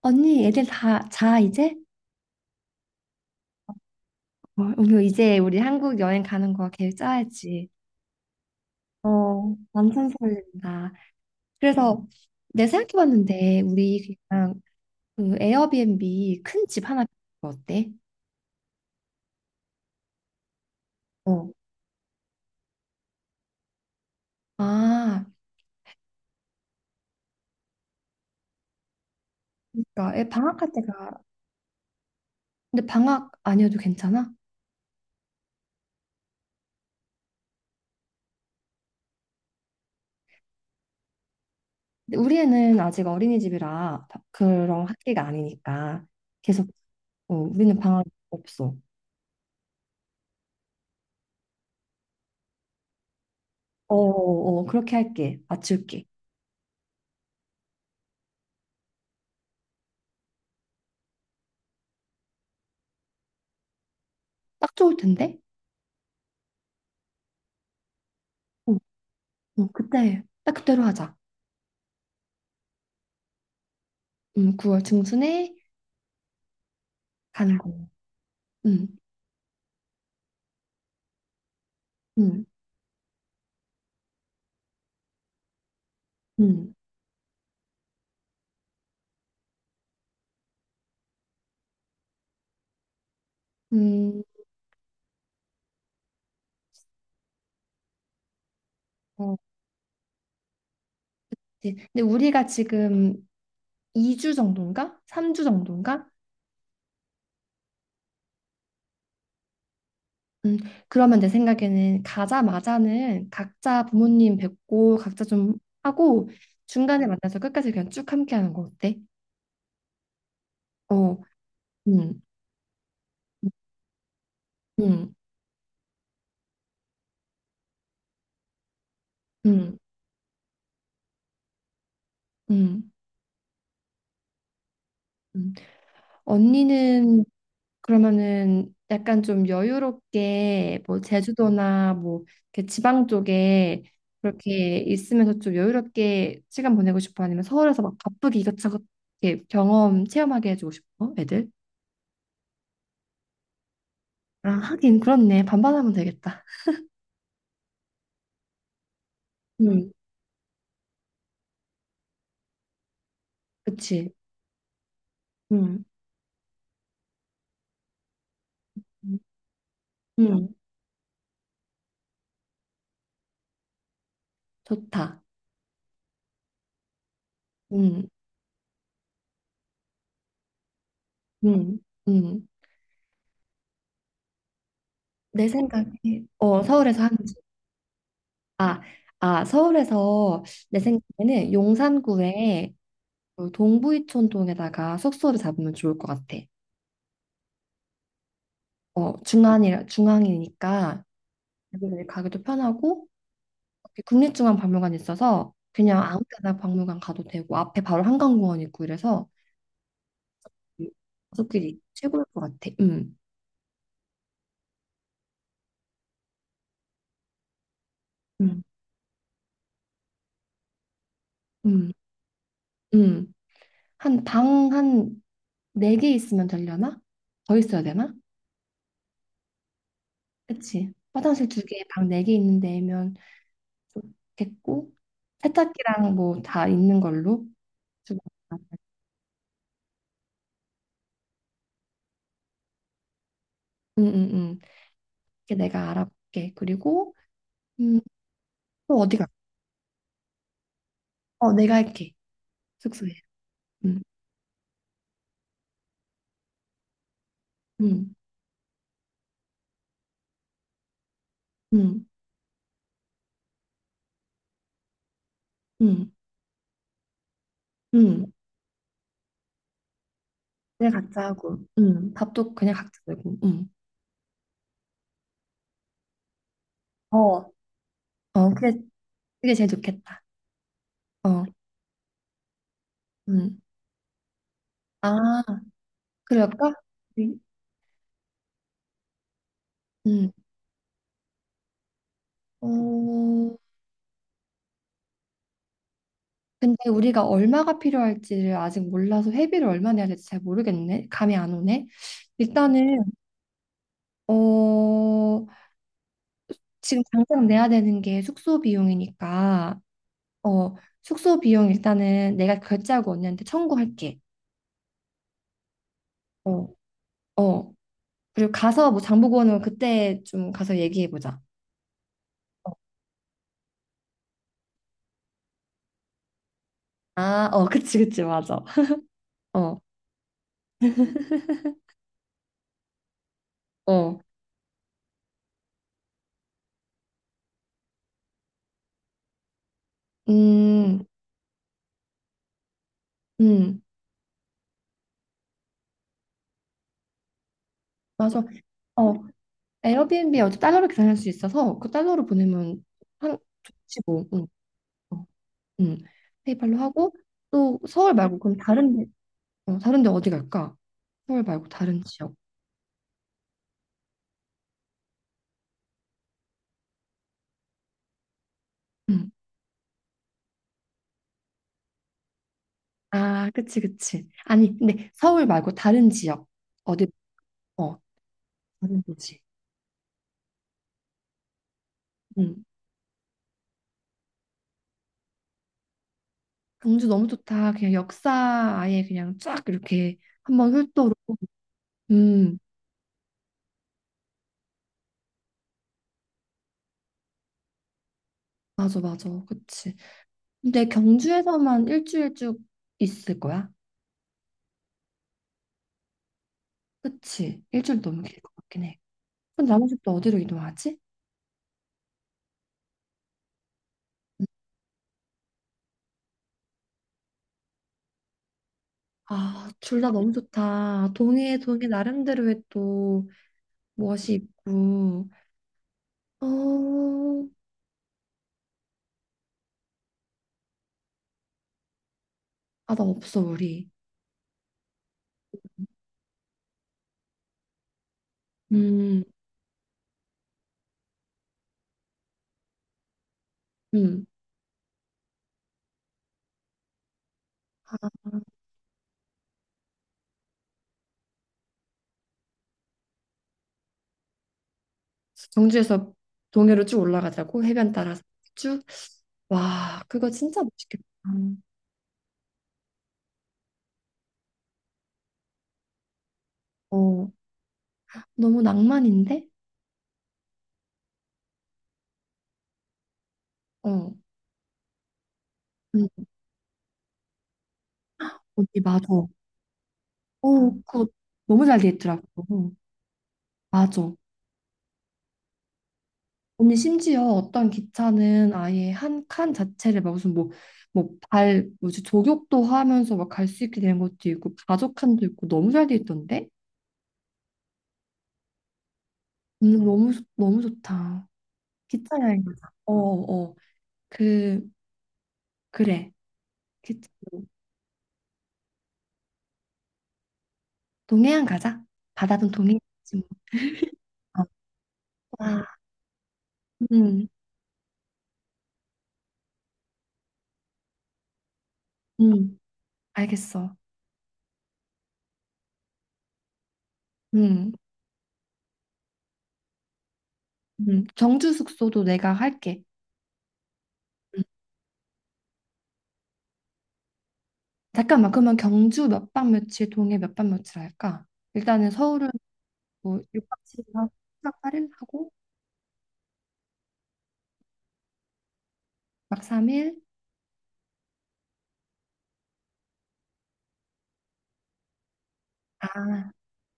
언니, 애들 다 자, 이제? 어, 우리 이제 우리 한국 여행 가는 거 계획 짜야지. 어, 완전 설렌다. 그래서 내가 생각해봤는데, 우리 그냥 그 에어비앤비 큰 집 하나 빌리는 거 어때? 어. 아, 그러니까 애 방학할 때가, 근데 방학 아니어도 괜찮아? 근데 우리 애는 아직 어린이집이라 그런 학기가 아니니까 계속 어, 우리는 방학 없어. 어, 어, 어, 그렇게 할게. 맞출게. 딱 좋을 텐데? 어, 그때 딱 그때로 하자. 9월 중순에 가는 걸로. 음, 음, 음, 음. 어, 이제 근데 우리가 지금 2주 정도인가? 3주 정도인가? 음, 그러면 내 생각에는 가자마자는 각자 부모님 뵙고 각자 좀 하고 중간에 만나서 끝까지 그냥 쭉 함께 하는 거 어때? 어, 음, 음, 음, 음. 음. 언니는 그러면은 약간 좀 여유롭게 뭐 제주도나 뭐 이렇게 지방 쪽에 그렇게 있으면서 좀 여유롭게 시간 보내고 싶어? 아니면 서울에서 막 바쁘게 이것저것 이렇게 경험 체험하게 해주고 싶어? 애들? 아, 하긴 그렇네. 반반하면 되겠다. 음, 그치. 음, 음, 좋다. 음, 음, 음. 내 생각에 어 서울에서 하는지. 아, 아 서울에서 내 생각에는 용산구에 그 동부이촌동에다가 숙소를 잡으면 좋을 것 같아. 어, 중앙이니까 여기를 가기도 편하고 국립중앙박물관 있어서 그냥 아무 데나 박물관 가도 되고 앞에 바로 한강공원 있고 이래서 가족끼리 최고일 것 같아. 음, 음, 음. 한 방 한 네 개 있으면 되려나? 더 있어야 되나? 그치. 화장실 두 개, 방 네 개 있는 데면 좋겠고 세탁기랑 뭐 다 있는 걸로. 응응응. 이게 내가 알아볼게. 그리고 음, 또 어디 가? 어, 내가 할게. 숙소에. 응. 응. 응. 응. 응. 내가 각자 하고. 응. 밥도 그냥 각자 내고. 응. 어. 어, 그래. 그게 제일 좋겠다. 어. 응. 아, 그럴까? 응. 응. 어. 근데 우리가 얼마가 필요할지를 아직 몰라서 회비를 얼마 내야 될지 잘 모르겠네. 감이 안 오네. 일단은 어, 지금 당장 내야 되는 게 숙소 비용이니까 어, 숙소 비용 일단은 내가 결제하고 언니한테 청구할게. 어, 어. 그리고 가서 뭐 장보고 오는 거 그때 좀 가서 얘기해 보자. 아, 어, 그치, 그치, 맞아. 어, 어, 음, 음, 맞아. 어, 에어비앤비 어차피 달러로 계산할 수 있어서 그 달러로 보내면 한 좋지 뭐. 응, 어, 응. 페이팔로 하고 또 서울 말고 그럼 다른 데, 어, 다른 데 어디 갈까? 서울 말고 다른 지역. 응. 아, 그치, 그치. 아니, 근데 서울 말고 다른 지역. 어디, 어, 다른 도시. 음. 경주 너무 좋다. 그냥 역사 아예 그냥 쫙 이렇게 한번 훑도록. 음, 맞아, 맞아. 그치. 근데 경주에서만 일주일 쭉 있을 거야? 그치. 일주일 너무 길 것 같긴 해. 그럼 나머지 또 어디로 이동하지? 아, 둘 다 너무 좋다. 동해, 동해 나름대로의 또 무엇이 있고. 어, 아, 나 없어, 우리. 음. 음. 경주에서 동해로 쭉 올라가자고 해변 따라서 쭉. 와, 그거 진짜 멋있겠다. 어, 너무 낭만인데? 어, 응, 언니 맞아. 어, 그거 너무 잘 돼 있더라고. 어, 맞아. 언니 심지어 어떤 기차는 아예 한칸 자체를 막 무슨 뭐 뭐 발 뭐지 조격도 하면서 막 갈 수 있게 되는 것도 있고 바둑칸도 있고 너무 잘 돼 있던데? 너무 좋다. 기차 여행 가자. 어, 어. 어. 그 그래. 기차. 동해안 가자. 바다든 동해안이지 뭐. 아, 와. 음, 음, 알겠어. 음, 경주 숙소도 내가 할게. 음. 잠깐만, 그러면 경주 몇 박 며칠, 동해 몇 박 며칠 할까? 일단은 서울은 뭐 6박 7일 하고, 7박 8일 하고, 막 3일? 아,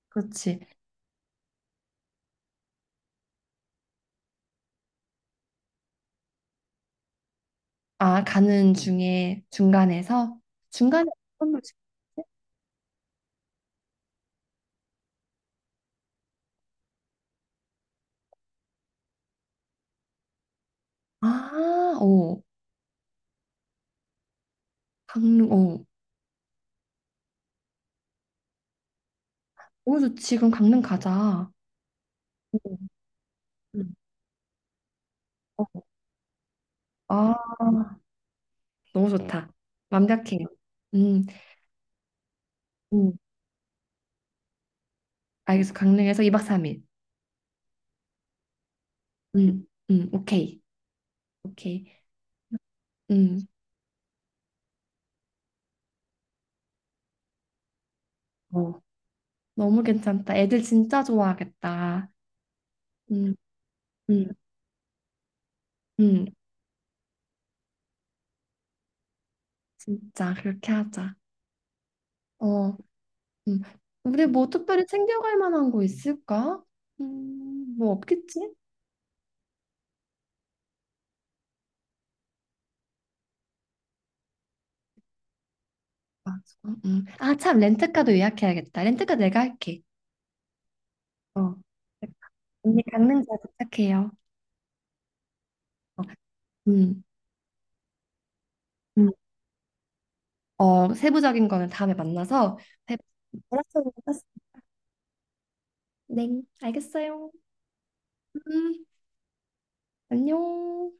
그렇지. 아, 가는 중에 중간에서? 중간에 어떤 걸 찍지? 아, 오, 강릉, 오. 오, 좋지. 그럼 강릉 가자. 오, 음. 어. 아, 너무 네. 좋다. 완벽해요. 음, 음, 알겠어. 강릉에서 2박 3일. 오케이. 오케이. 음, 어, 너무 괜찮다. 애들 진짜 좋아하겠다. 음, 음, 음, 진짜 그렇게 하자. 어, 음. 우리 뭐 특별히 챙겨갈 만한 거 있을까? 뭐 없겠지? 맞아. 음. 아, 참, 렌트카도 예약해야겠다. 렌트카 내가 할게. 어. 언니 강릉 잘 부탁해요. 어, 음. 음. 어, 세부적인 거는 다음에 만나서 해보도록 겠습니다 네, 알겠어요. 음, 안녕.